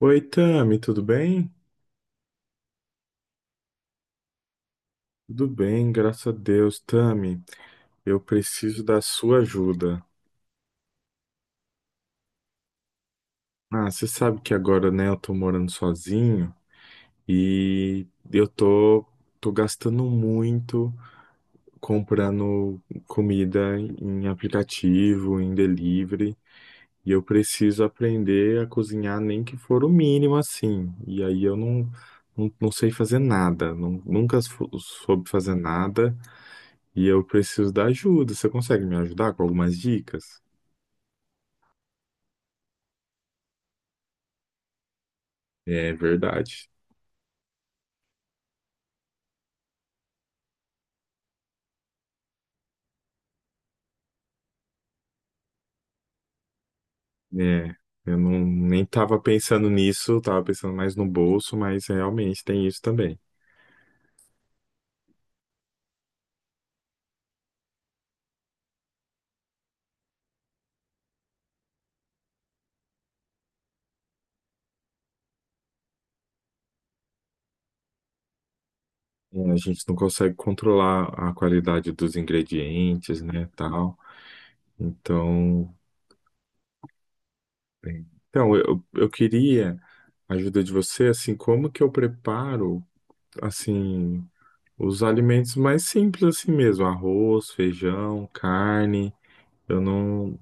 Oi, Tami, tudo bem? Tudo bem, graças a Deus. Tami, eu preciso da sua ajuda. Você sabe que agora, né, eu tô morando sozinho e eu tô, tô gastando muito comprando comida em aplicativo, em delivery, e eu preciso aprender a cozinhar nem que for o mínimo assim. E aí eu não, não, não sei fazer nada, não, nunca soube fazer nada. E eu preciso da ajuda. Você consegue me ajudar com algumas dicas? É verdade. É, eu não, nem estava pensando nisso, tava pensando mais no bolso, mas realmente tem isso também. É, a gente não consegue controlar a qualidade dos ingredientes, né, tal. Então, então, eu queria a ajuda de você, assim, como que eu preparo, assim, os alimentos mais simples assim mesmo, arroz, feijão, carne. Eu não,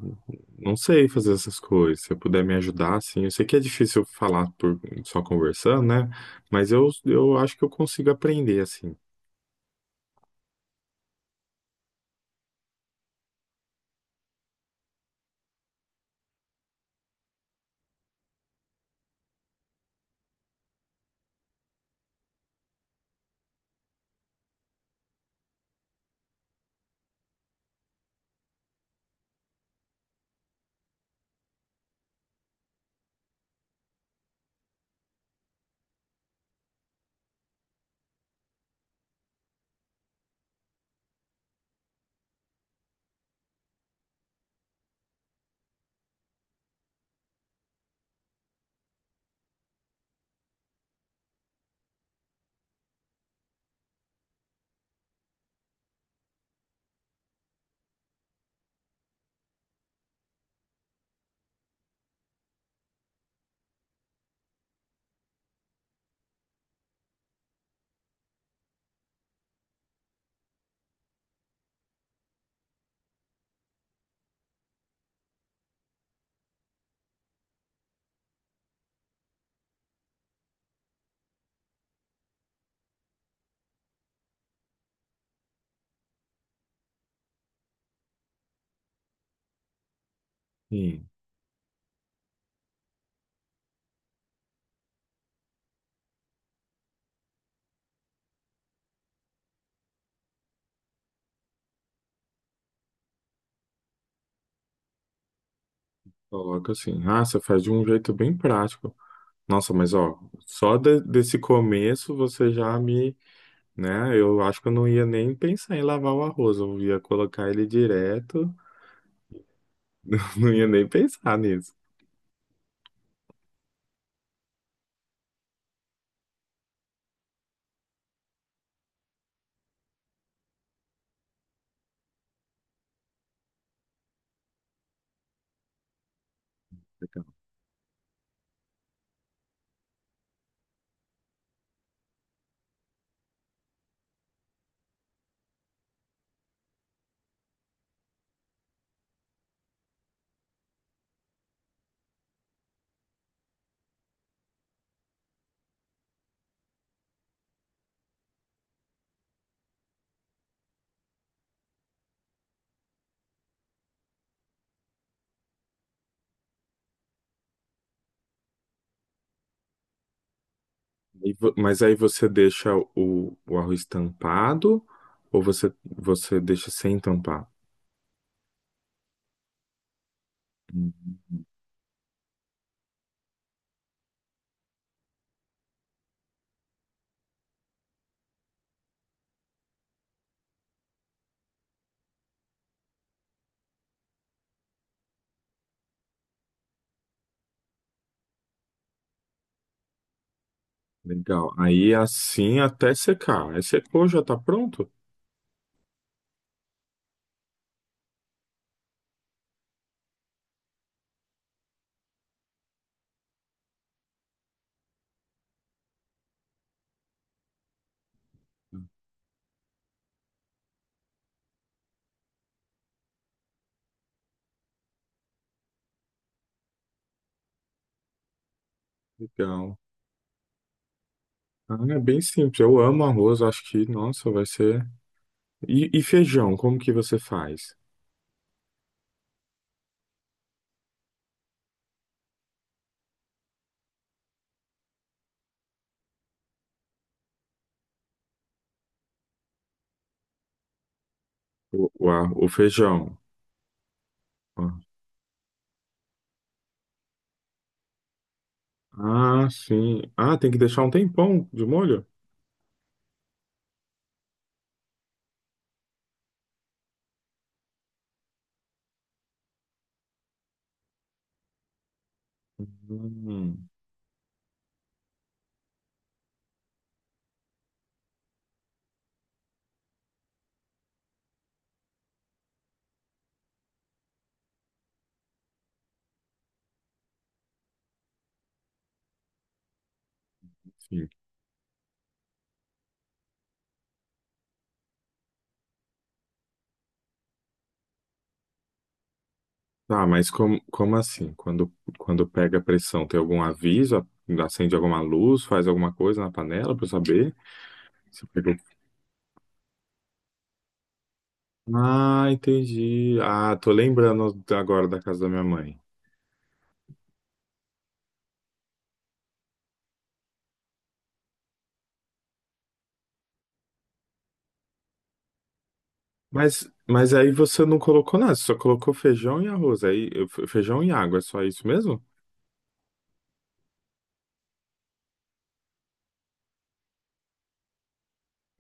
não sei fazer essas coisas. Se eu puder me ajudar, assim, eu sei que é difícil falar por só conversando, né? Mas eu acho que eu consigo aprender assim. Sim, coloca assim. Ah, você faz de um jeito bem prático. Nossa, mas ó, só desse começo você já me, né? Eu acho que eu não ia nem pensar em lavar o arroz. Eu ia colocar ele direto, não ia nem pensar nisso. Mas aí você deixa o arroz tampado ou você deixa sem tampar? Hum, Legal. Aí assim até secar. Aí secou, já tá pronto? Legal. Ah, é bem simples. Eu amo arroz, acho que, nossa, vai ser. E feijão, como que você faz? O feijão. Ah, ah, sim. Ah, tem que deixar um tempão de molho? Hum. Tá, mas como assim? Quando pega a pressão, tem algum aviso? Acende alguma luz? Faz alguma coisa na panela para eu saber? Se pegou. Ah, entendi. Ah, tô lembrando agora da casa da minha mãe. Mas aí você não colocou nada, você só colocou feijão e arroz. Aí, feijão e água, é só isso mesmo?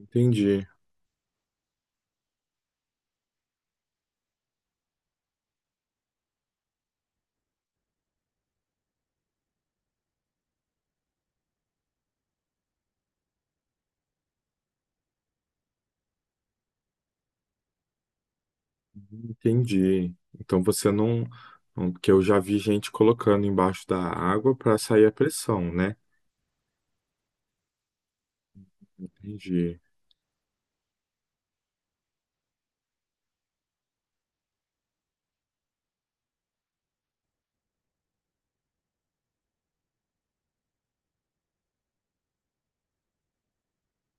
Entendi, entendi. Então você Porque eu já vi gente colocando embaixo da água para sair a pressão, né? Entendi.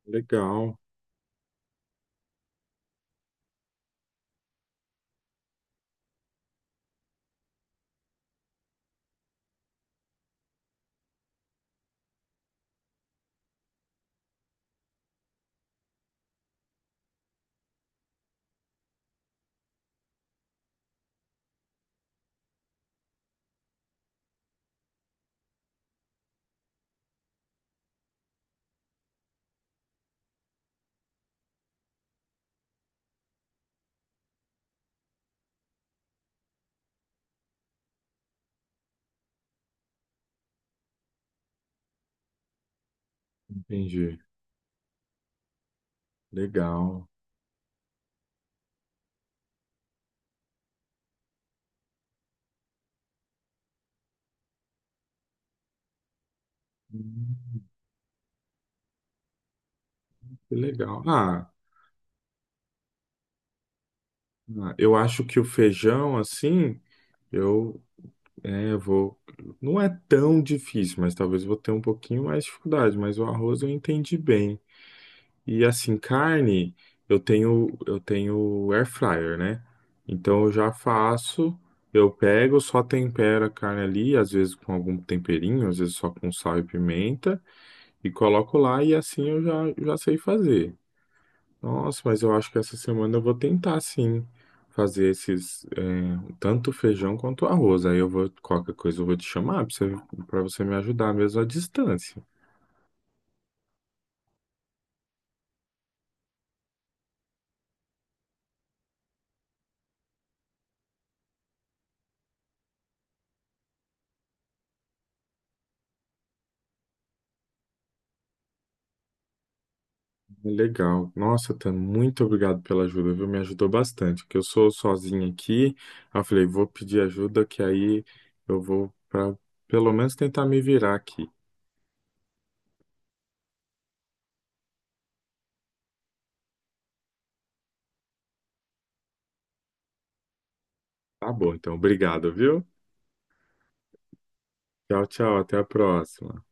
Legal, entendi. Legal. Hum. Que legal. Ah, eu acho que o feijão, assim, eu é, eu vou. Não é tão difícil, mas talvez eu vou ter um pouquinho mais de dificuldade. Mas o arroz eu entendi bem. E assim, carne, eu tenho air fryer, né? Então eu já faço, eu pego, só tempero a carne ali, às vezes com algum temperinho, às vezes só com sal e pimenta, e coloco lá e assim já sei fazer. Nossa, mas eu acho que essa semana eu vou tentar sim fazer esses é, tanto feijão quanto arroz. Aí eu vou, qualquer coisa eu vou te chamar para você, pra você me ajudar mesmo à distância. Legal. Nossa, Tan, muito obrigado pela ajuda, viu? Me ajudou bastante. Que eu sou sozinho aqui. Aí eu falei, vou pedir ajuda, que aí eu vou para pelo menos tentar me virar aqui. Tá bom, então, obrigado, viu? Tchau, tchau, até a próxima.